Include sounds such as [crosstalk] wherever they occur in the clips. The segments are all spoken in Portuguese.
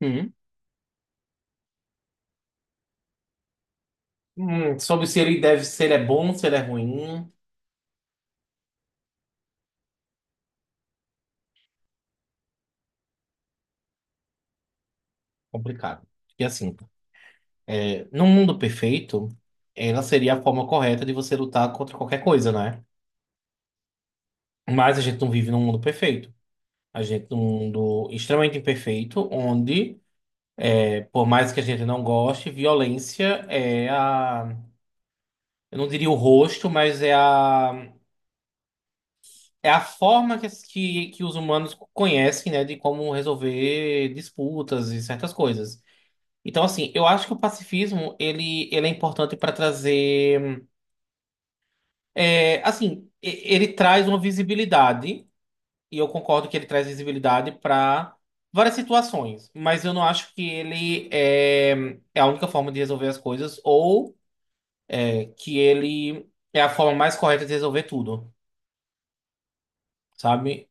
Hum. Sobre se ele deve, se ele é bom, se ele é ruim. Complicado. E assim, num mundo perfeito, ela seria a forma correta de você lutar contra qualquer coisa, né? Mas a gente não vive num mundo perfeito. A gente vive num mundo extremamente imperfeito, onde, por mais que a gente não goste, violência é a, eu não diria o rosto, mas é a forma que os humanos conhecem, né, de como resolver disputas e certas coisas. Então, assim, eu acho que o pacifismo, ele é importante para trazer. Assim, ele traz uma visibilidade, e eu concordo que ele traz visibilidade para várias situações, mas eu não acho que ele é a única forma de resolver as coisas, ou que ele é a forma mais correta de resolver tudo, sabe?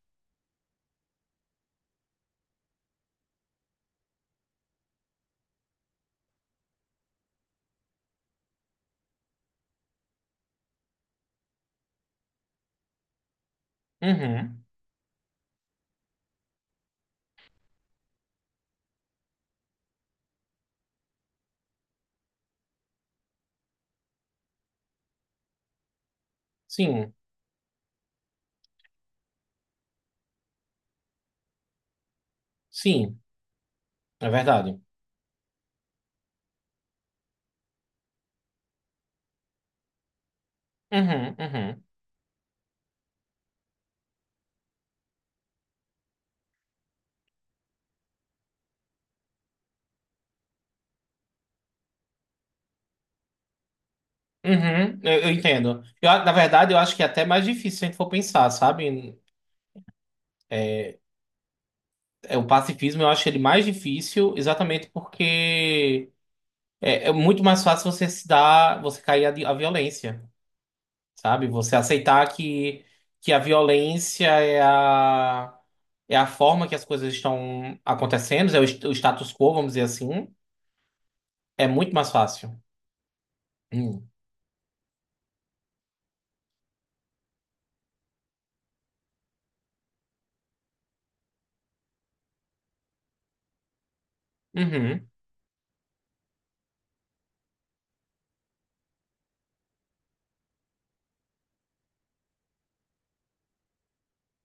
Uhum. Sim, sim, é verdade. Uhum, uhum. Uhum, eu entendo. Eu, na verdade, eu acho que é até mais difícil se a gente for pensar, sabe? É, o pacifismo eu acho ele mais difícil, exatamente porque é muito mais fácil você se dar, você cair à, à violência, sabe? Você aceitar que a violência é a forma que as coisas estão acontecendo, o status quo, vamos dizer assim, é muito mais fácil. Hum. Uhum.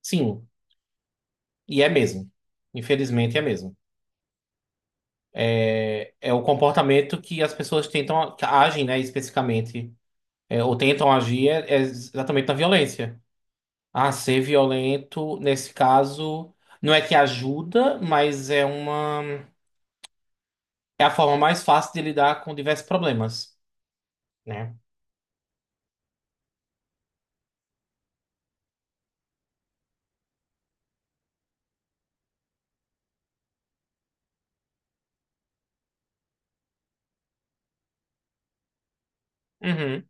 Sim, e é mesmo. Infelizmente é mesmo. É, é o comportamento que as pessoas tentam, que agem, né, especificamente. É, ou tentam agir é exatamente na violência. Ah, ser violento, nesse caso, não é que ajuda, mas é uma. É a forma mais fácil de lidar com diversos problemas, né? Uhum.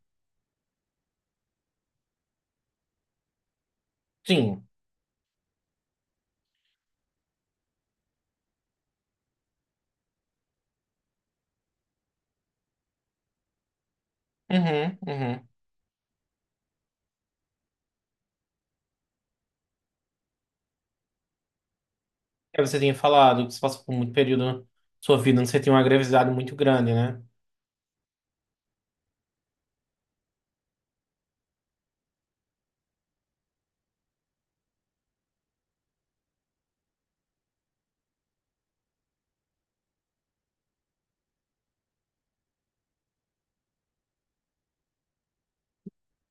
Sim. Uhum, uhum. É, você tinha falado que você passou por muito período da sua vida onde você tinha uma agressividade muito grande, né?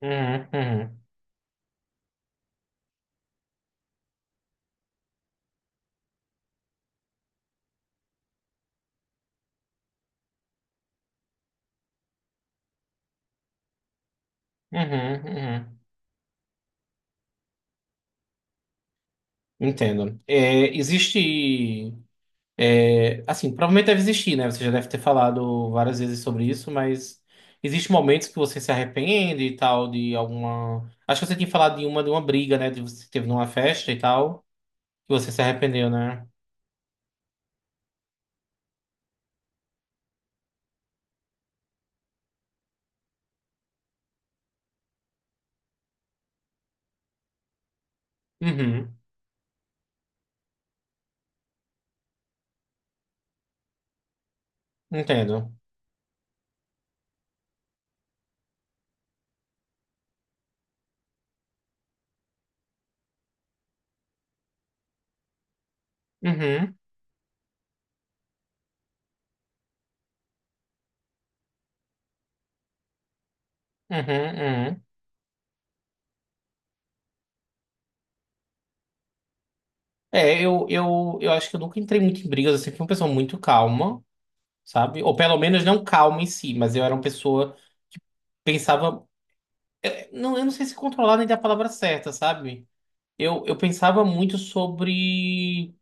Uhum, uhum. Uhum, uhum. Entendo. É, existe. É, assim, provavelmente deve existir, né? Você já deve ter falado várias vezes sobre isso, mas existem momentos que você se arrepende e tal, de alguma. Acho que você tinha falado de uma briga, né? De você teve numa festa e tal, que você se arrependeu, né? Uhum, entendo. Uhum, uhum, uhum. É, eu acho que eu nunca entrei muito em brigas, eu sempre fui uma pessoa muito calma, sabe? Ou pelo menos não calma em si, mas eu era uma pessoa que pensava. Eu não sei se controlar nem dar a palavra certa, sabe? Eu pensava muito sobre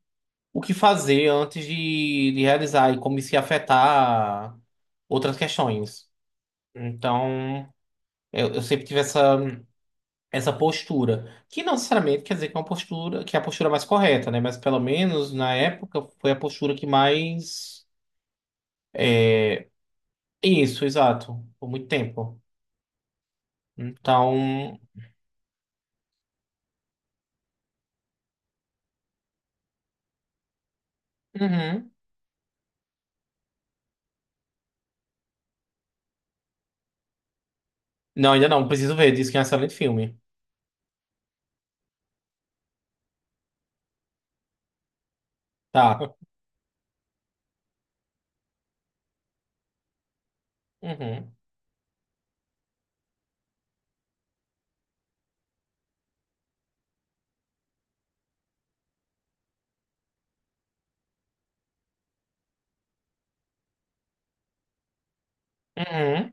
o que fazer antes de realizar e como isso ia afetar outras questões. Então, eu sempre tive essa, postura, que não necessariamente quer dizer que é uma postura, que é a postura mais correta, né? Mas pelo menos na época foi a postura que mais. Isso, exato, por muito tempo. Então, uhum. Não, ainda não, preciso ver, diz que é um excelente filme. Tá. [laughs] Uhum. Uhum.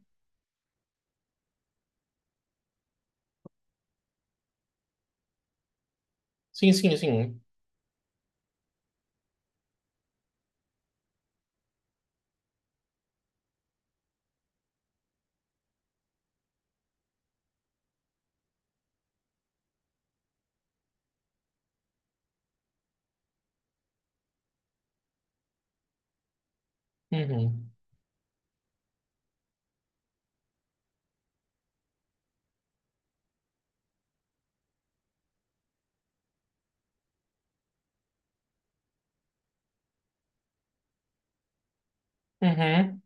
Sim, sim, sim. Uhum. Uhum.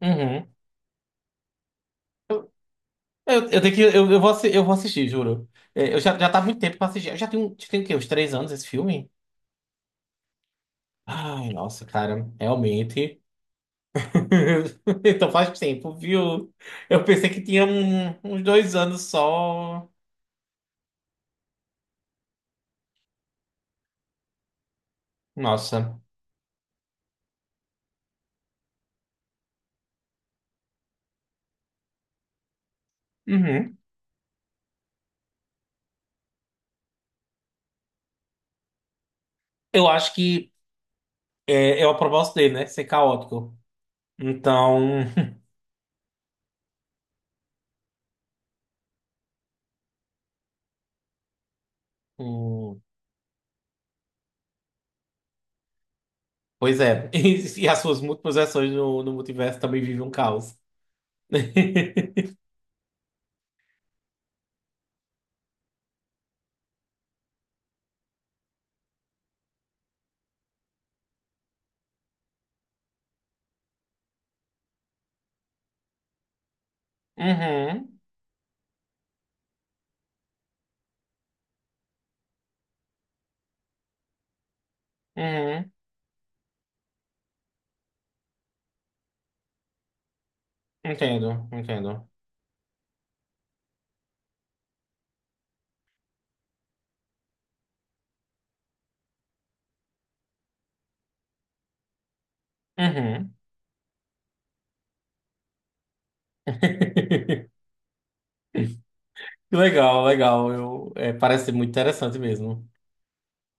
Uhum. Eu, eu tenho que. Eu vou assistir, juro. É, eu já, tá há muito tempo pra assistir. Eu já tenho o quê? Uns 3 anos esse filme? Ai, nossa, cara, realmente. [laughs] Então faz tempo, viu? Eu pensei que tinha uns 2 anos só. Nossa. Uhum. Eu acho que é o propósito dele, né? Ser caótico. Então. [laughs] Hum, pois é. [laughs] E, as suas múltiplas versões no multiverso também vivem um caos. [laughs] Uhum. Uhum. Entendo, entendo. Uhum. [laughs] Que legal, legal. Eu, parece ser muito interessante mesmo.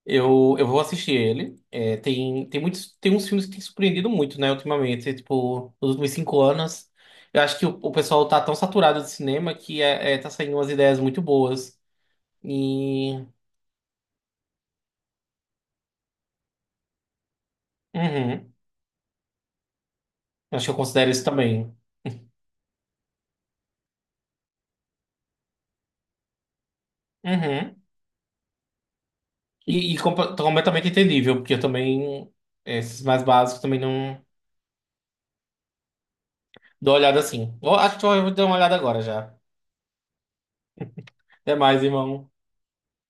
Eu vou assistir ele. É, tem uns filmes que têm surpreendido muito, né, ultimamente. Tipo, nos últimos 5 anos. Eu acho que o pessoal tá tão saturado de cinema que tá saindo umas ideias muito boas. E. Uhum. Acho que eu considero isso também. Uhum. E completamente entendível, porque eu também. Esses mais básicos também não dou uma olhada assim. Eu acho que eu vou dar uma olhada agora já. Até mais, irmão.